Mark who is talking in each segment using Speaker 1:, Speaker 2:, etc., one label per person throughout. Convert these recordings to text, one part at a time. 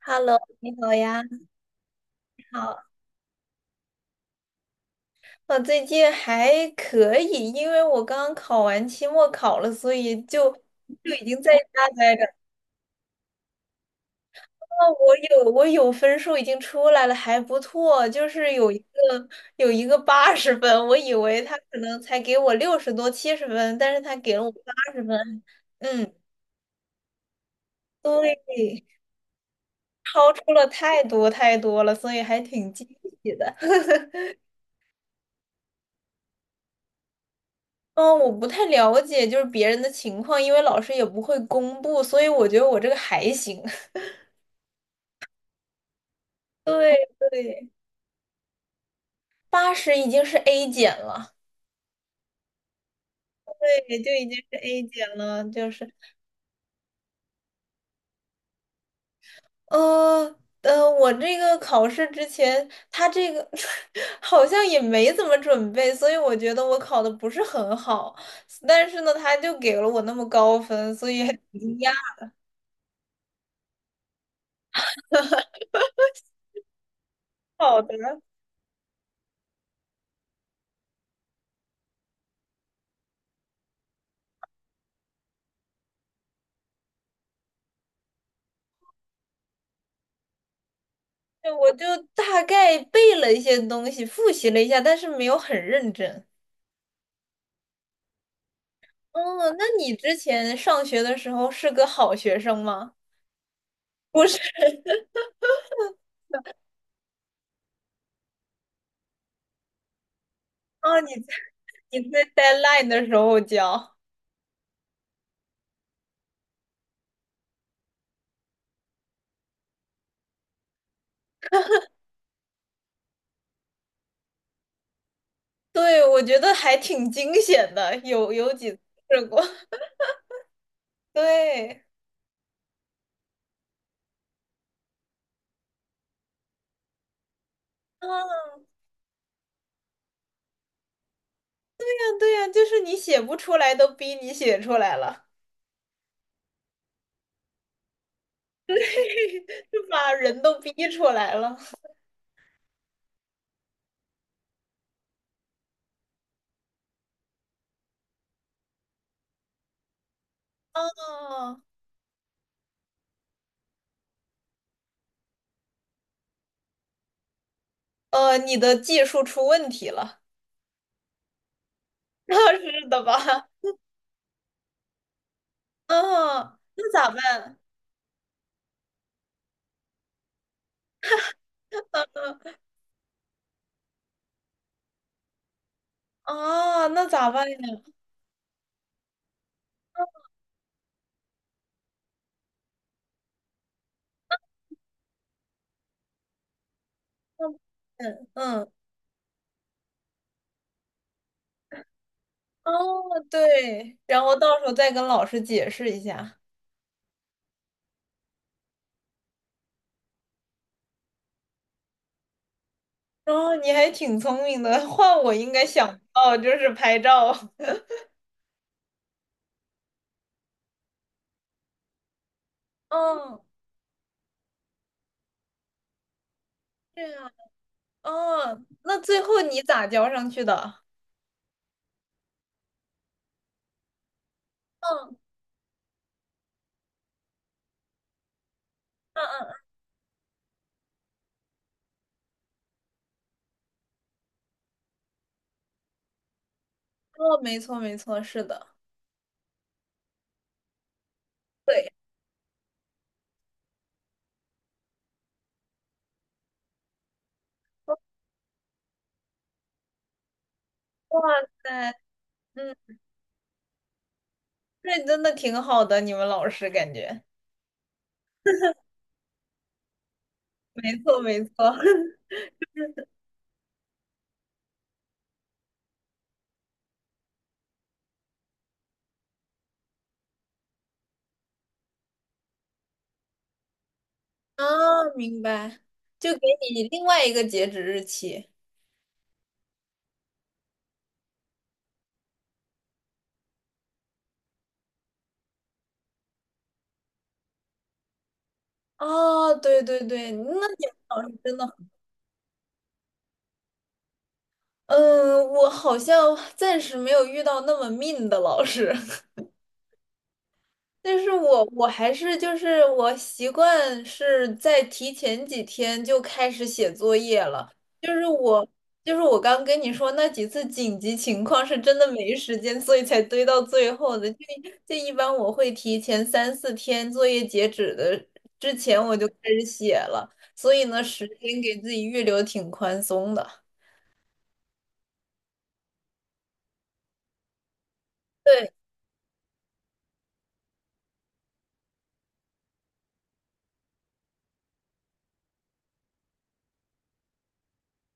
Speaker 1: Hello，你好呀，你好，我最近还可以，因为我刚考完期末考了，所以就已经在家待着。那我有分数已经出来了，还不错，就是有一个八十分，我以为他可能才给我60多70分，但是他给了我八十分，嗯，对，超出了太多太多了，所以还挺惊喜的。嗯，我不太了解就是别人的情况，因为老师也不会公布，所以我觉得我这个还行。对对，80已经是 A 减了，对，就已经是 A 减了，就是我这个考试之前，他这个 好像也没怎么准备，所以我觉得我考的不是很好，但是呢，他就给了我那么高分，所以还挺惊讶好的。就我就大概背了一些东西，复习了一下，但是没有很认真。哦，那你之前上学的时候是个好学生吗？不是啊，你在 deadline 的时候交，对，我觉得还挺惊险的，有几次试过，对。啊，对呀，就是你写不出来，都逼你写出来了，就把人都逼出来了。啊，你的技术出问题了，那是的吧？啊，那咋办？啊，那咋办呀？那嗯嗯。哦，对，然后到时候再跟老师解释一下。哦，你还挺聪明的，换我应该想不到，就是拍照。嗯，对样。哦，那最后你咋交上去的？嗯嗯嗯，哦，没错没错，是的。对，哇塞，嗯，这真的挺好的，你们老师感觉。没错没错。啊，明白，就给你另外一个截止日期。哦，对对对，那你们老师真的。嗯，我好像暂时没有遇到那么命的老师，但是我还是就是我习惯是在提前几天就开始写作业了，就是我就是我刚跟你说那几次紧急情况是真的没时间，所以才堆到最后的。就一般我会提前3、4天作业截止的之前我就开始写了，所以呢，时间给自己预留挺宽松的。对，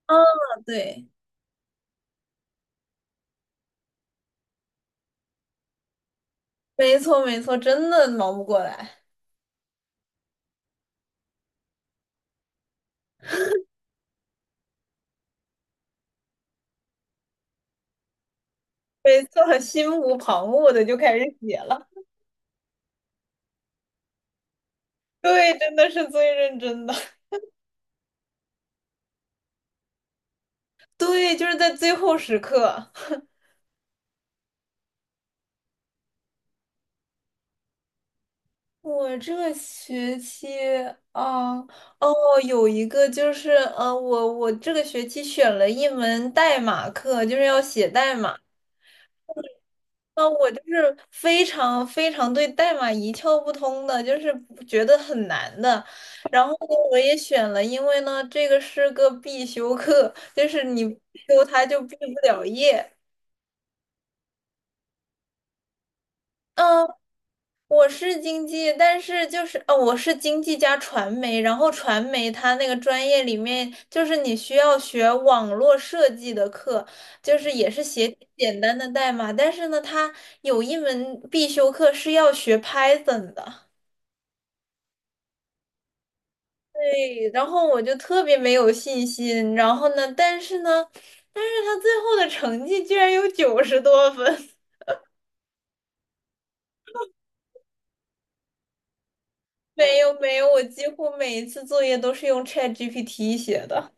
Speaker 1: 啊，对。没错，没错，真的忙不过来，没错，心无旁骛的就开始写了。对，真的是最认真的。对，就是在最后时刻。我这个学期啊，哦，有一个就是，我这个学期选了一门代码课，就是要写代码。那我就是非常非常对代码一窍不通的，就是觉得很难的。然后呢，我也选了，因为呢，这个是个必修课，就是你不修它就毕不了业。嗯，我是经济，但是就是哦，我是经济加传媒，然后传媒它那个专业里面就是你需要学网络设计的课，就是也是写简单的代码，但是呢，它有一门必修课是要学 Python 的。对，然后我就特别没有信心，然后呢，但是呢，但是他最后的成绩居然有90多分，没有没有，我几乎每一次作业都是用 ChatGPT 写的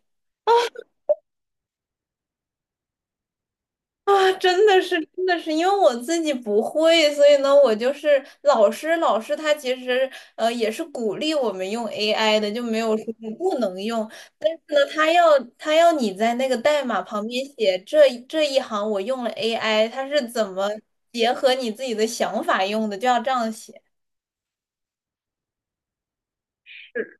Speaker 1: 啊，真的是真的是，因为我自己不会，所以呢，我就是老师他其实也是鼓励我们用 AI 的，就没有说不能用，那他要你在那个代码旁边写这一行我用了 AI，他是怎么结合你自己的想法用的，就要这样写。是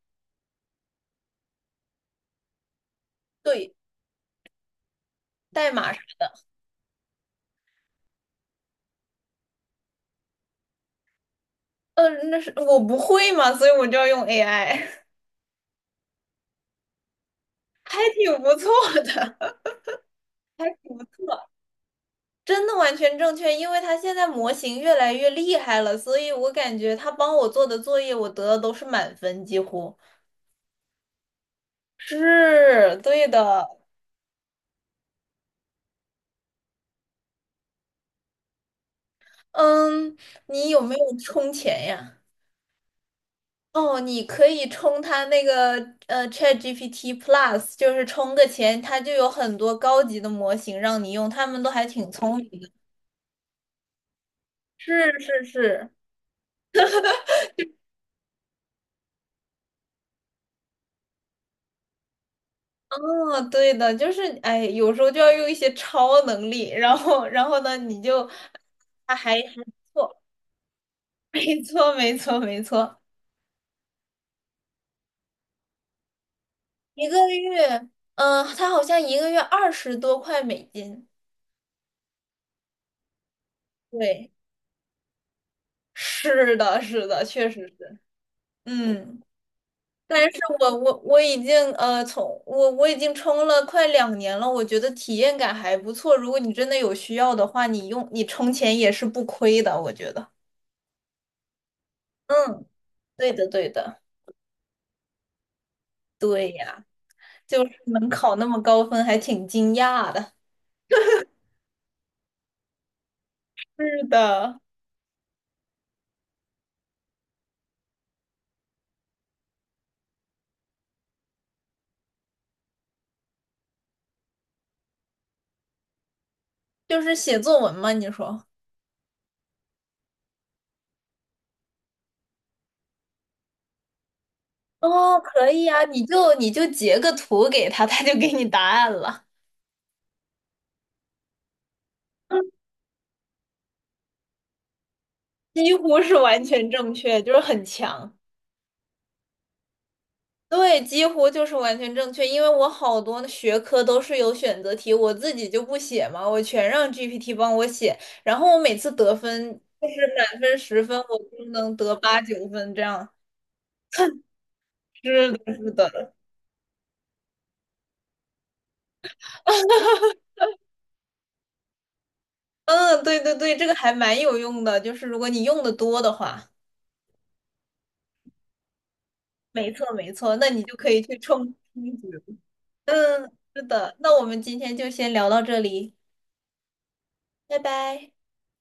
Speaker 1: 对，代码是，那是我不会嘛，所以我就要用 AI，还挺不错的，还挺不错，真的完全正确，因为他现在模型越来越厉害了，所以我感觉他帮我做的作业，我得的都是满分，几乎是对的。嗯，你有没有充钱呀？哦，你可以充它那个ChatGPT Plus，就是充个钱，它就有很多高级的模型让你用，他们都还挺聪明的。是是是，哦，对的，就是哎，有时候就要用一些超能力，然后呢，你就它还不错，没错没错没错，一个月，嗯、它好像一个月20多块美金，对，是的是的，确实是，嗯。但是我已经从我已经冲了快2年了，我觉得体验感还不错。如果你真的有需要的话，你用你充钱也是不亏的，我觉得。嗯，对的对的，对呀，就是能考那么高分，还挺惊讶的。是的，就是写作文嘛，你说。哦，可以啊，你就截个图给他，他就给你答案了，几乎是完全正确，就是很强。对，几乎就是完全正确，因为我好多学科都是有选择题，我自己就不写嘛，我全让 GPT 帮我写，然后我每次得分就是满分十分，我就能得8、9分这样。是的，是的，嗯，对对对，这个还蛮有用的，就是如果你用的多的话，没错没错，那你就可以去冲冲击。嗯，是的，那我们今天就先聊到这里，拜拜。